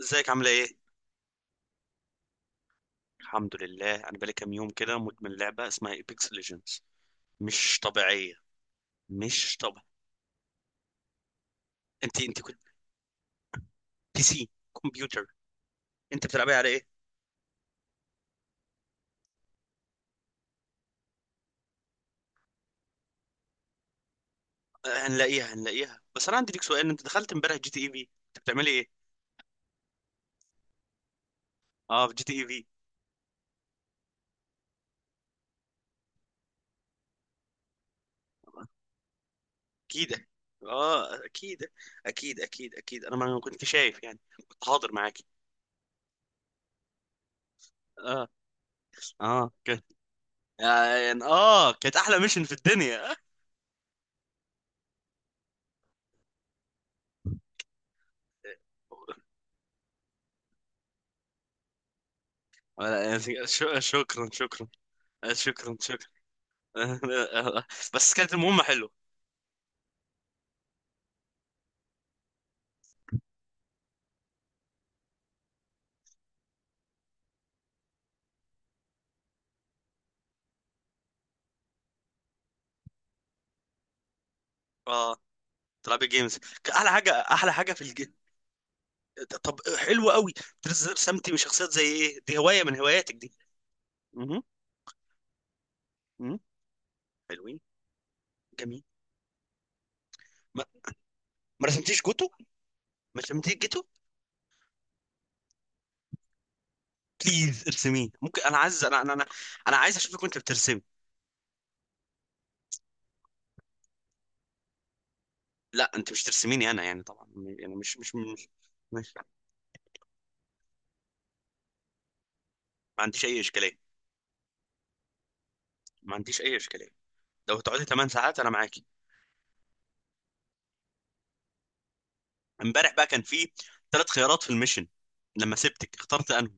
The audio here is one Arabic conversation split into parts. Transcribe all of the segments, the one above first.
ازيك عاملة ايه؟ الحمد لله, انا بقالي كام يوم كده مدمن لعبة اسمها ايبكس ليجندز. مش طبيعية. مش طبيعية. انت كنت بي سي. كمبيوتر. انت بتلعبيها على ايه؟ هنلاقيها. بس انا عندي ليك سؤال, انت دخلت امبارح جي تي اي في, انت بتعملي ايه؟ اه, في جي تي اي في. اكيد. اه اكيد اكيد اكيد اكيد انا ما كنت شايف يعني. كنت حاضر معاكي. اه. اه كانت يعني اه كانت احلى ميشن في الدنيا. شكرا شكرا. شكرا شكرا. بس كانت المهمة حلوة. اه, تلعبي جيمز. احلى حاجة احلى حاجة في الج... طب حلو قوي. بتنزل رسمتي من شخصيات زي ايه؟ دي هواية من هواياتك دي؟ مهم. مهم. حلوين. جميل. ما, ما رسمتيش جوتو. ما رسمتيش جيتو. بليز ارسميه, ممكن, انا عايز, أنا عايز اشوفك وانت بترسمي. لا, انت مش ترسميني انا يعني طبعا. يعني مش مش مش, مش. ما عنديش اي اشكالية. ما عنديش اي اشكالية. لو هتقعدي 8 ساعات انا معاكي. امبارح بقى كان في ثلاث خيارات في الميشن, لما سبتك اخترت انهي؟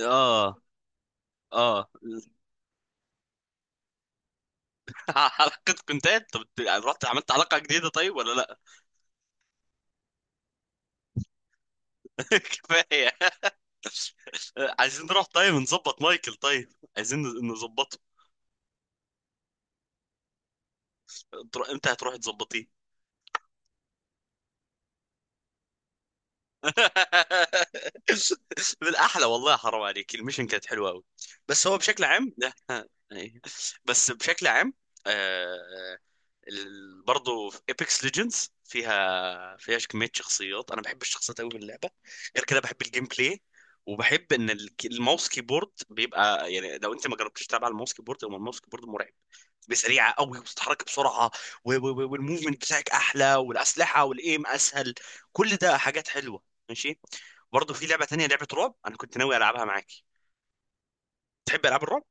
اه. اه. حلقة كونتات, طب يعني رحت عملت حلقة جديدة طيب ولا لا؟ كفاية. عايزين نروح طيب نظبط مايكل طيب. عايزين نظبطه. انت هتروح تظبطيه. بالاحلى والله حرام عليك, الميشن كانت حلوه قوي. بس هو بشكل عام. بس بشكل عام. آه، برضو في ايبكس ليجندز, فيها كميه شخصيات, انا بحب الشخصيات قوي في اللعبه. غير كده بحب الجيم بلاي. وبحب ان الماوس كيبورد بيبقى, يعني لو انت ما جربتش تلعب على الماوس كيبورد, هو الماوس كيبورد مرعب. بسريعه قوي, وبتتحرك بسرعه و- و- والموفمنت بتاعك احلى, والاسلحه والايم اسهل. كل ده حاجات حلوه. ماشي. برضو في لعبه تانية, لعبه رعب انا كنت ناوي العبها معاكي. تحب العاب الرعب؟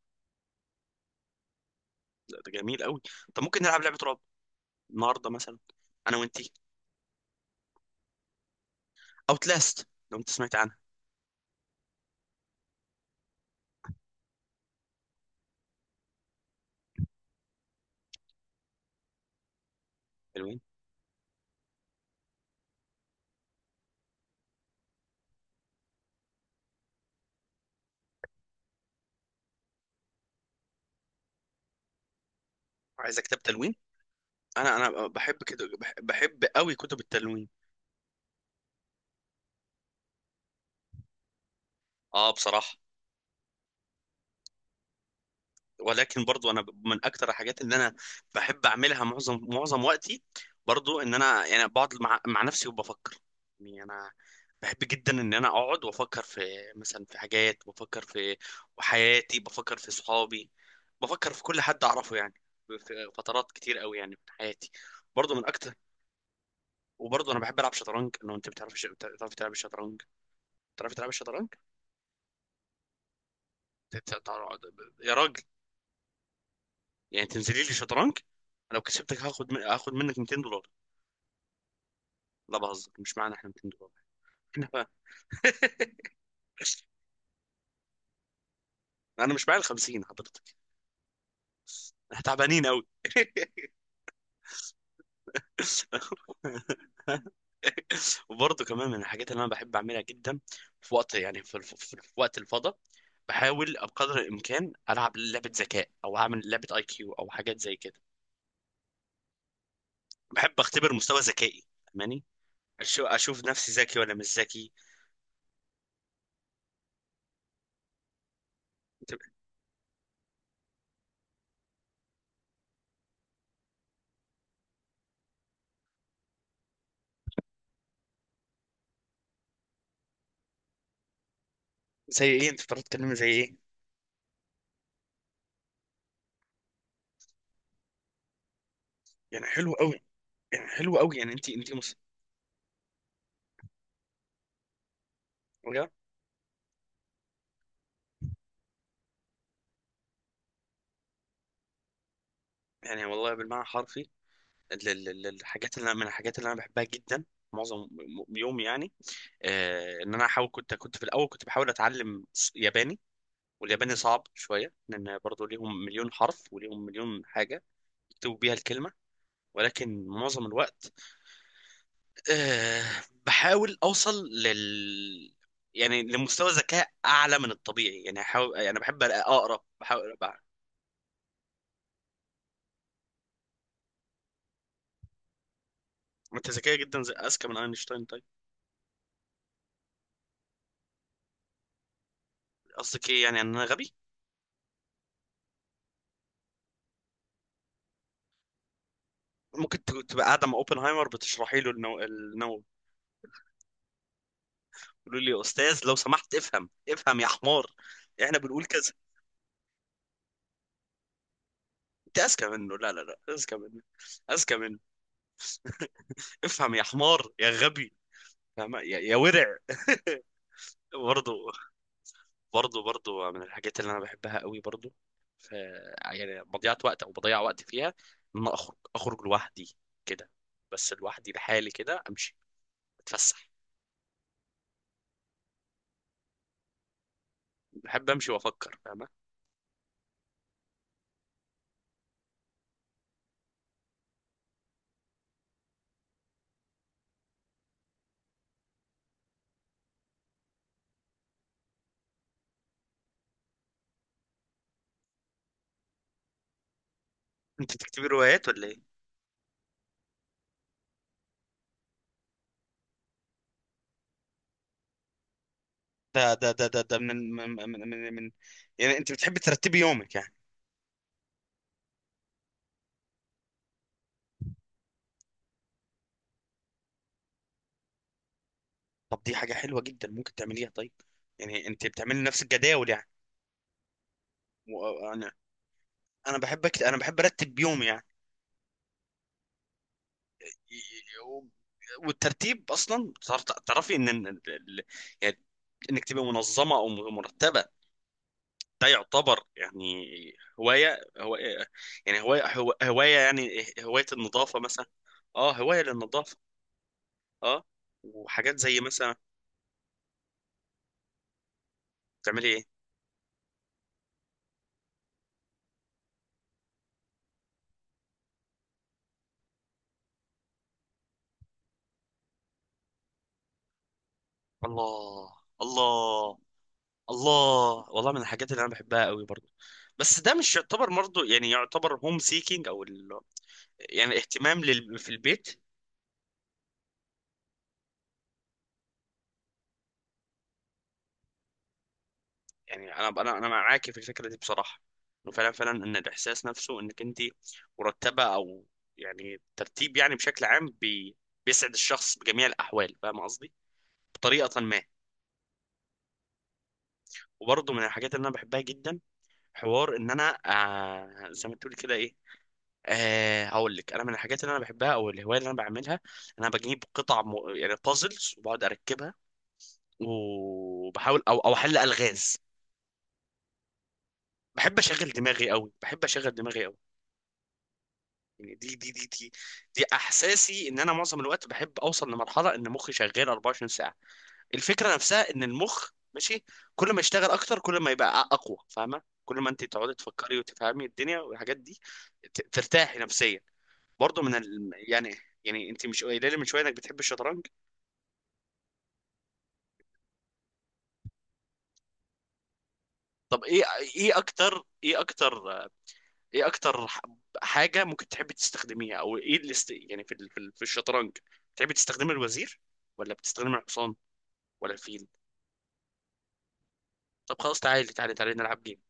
لا, ده جميل قوي. طب ممكن نلعب لعبه رعب النهارده مثلا, انا وانتي. اوتلاست, لو انت سمعت عنها. تلوين. عايزه كتاب تلوين. انا بحب كده, بحب قوي كتب التلوين. اه بصراحه. ولكن برضو انا من اكتر الحاجات اللي انا بحب اعملها معظم وقتي, برضو ان انا يعني بقعد مع نفسي وبفكر. يعني انا بحب جدا ان انا اقعد وافكر في, مثلا في حاجات, بفكر في حياتي, بفكر في صحابي, بفكر في كل حد اعرفه يعني. في فترات كتير قوي يعني في حياتي, برضو من اكتر. وبرضو انا بحب العب شطرنج, لو انت بتعرف تلعب الشطرنج؟ بتعرف تلعب الشطرنج؟ يا راجل. يعني تنزلي لي شطرنج, انا لو كسبتك هاخد منك 200 دولار. لا, بهزر, مش معانا احنا 200 دولار. احنا, انا مش معايا ال 50 حضرتك. احنا تعبانين قوي. وبرضه كمان من الحاجات اللي انا بحب اعملها جدا, في وقت الفضاء, بحاول بقدر الامكان العب لعبه ذكاء او اعمل لعبه اي كيو او حاجات زي كده. بحب اختبر مستوى ذكائي, فاهماني؟ اشوف نفسي ذكي ولا مش ذكي. زي ايه, انت بتعرف تتكلمي زي ايه؟ يعني حلو قوي. يعني حلو قوي, يعني انت مسلمه. يعني والله بالمعنى الحرفي, الحاجات اللي من الحاجات اللي انا بحبها جدا, معظم يومي يعني. ان انا احاول, كنت في الاول كنت بحاول اتعلم ياباني. والياباني صعب شويه, لان برضه ليهم مليون حرف وليهم مليون حاجه يكتبوا بيها الكلمه. ولكن معظم الوقت, آه بحاول اوصل لل, يعني لمستوى ذكاء اعلى من الطبيعي, يعني احاول, يعني بحب اقرا بحاول. ما انت ذكيه جدا, زي, اذكى من اينشتاين طيب. قصدك ايه, يعني ان انا غبي؟ ممكن تبقى قاعده مع اوبنهايمر بتشرحي له النووي, يقول لي يا استاذ لو سمحت افهم, افهم يا حمار, احنا بنقول كذا. انت اذكى منه, لا لا لا, اذكى منه. اذكى منه. افهم يا حمار يا غبي. فاهمة؟ يا ورع. برضه. برضه من الحاجات اللي انا بحبها قوي برضه, ف يعني مضيعة وقت, او بضيع وقت فيها, ان أنا اخرج لوحدي كده, بس لوحدي لحالي كده امشي اتفسح. بحب امشي وافكر, فاهمه؟ انت بتكتبي روايات ولا ايه؟ ده من يعني انت بتحبي ترتبي يومك يعني. طب دي حاجه حلوه جدا ممكن تعمليها طيب. يعني انت بتعملي نفس الجداول يعني. وانا انا بحب أكت... انا بحب ارتب يومي يعني. ي- ي- و- والترتيب اصلا, تعرفي ان, يعني انك تبقى منظمه او مرتبه, ده يعتبر يعني, هوايه هو, يعني هوايه هوايه, يعني هوايه النظافه مثلا. اه هوايه للنظافه. اه. وحاجات زي مثلا. بتعملي ايه؟ الله. الله. الله. والله من الحاجات اللي انا بحبها قوي برضه. بس ده مش يعتبر برضه, يعني يعتبر هوم سيكينج, او ال..., يعني الاهتمام لل... في البيت. يعني انا معاكي في الفكره دي بصراحه. انه فعلا فعلا, ان الاحساس نفسه انك انت مرتبه, او يعني ترتيب, يعني بشكل عام بيسعد الشخص بجميع الاحوال, فاهم قصدي؟ بطريقه ما. وبرضه من الحاجات اللي انا بحبها جدا, حوار ان انا, زي ما تقول كده إيه, هقول لك, انا من الحاجات اللي انا بحبها او الهوايه اللي انا بعملها, انا بجيب قطع يعني بازلز وبقعد اركبها, وبحاول, او احل الغاز. بحب اشغل دماغي قوي, بحب اشغل دماغي قوي, يعني دي دي احساسي, ان انا معظم الوقت بحب اوصل لمرحله ان مخي شغال 24 ساعه. الفكره نفسها ان المخ ماشي, كل ما يشتغل اكتر كل ما يبقى اقوى, فاهمه؟ كل ما انت تقعدي تفكري وتفهمي الدنيا والحاجات دي, ترتاحي نفسيا. برضه من ال..., يعني, يعني انت مش قايله لي من شويه انك بتحب الشطرنج؟ طب ايه, ايه اكتر, ايه اكتر, ايه اكتر حاجه ممكن تحبي تستخدميها, او ايه اللي يعني في الشطرنج, بتحبي تستخدمي الوزير, ولا بتستخدمي الحصان, ولا الفيل؟ طب خلاص, تعالي تعالي تعالي نلعب جيم.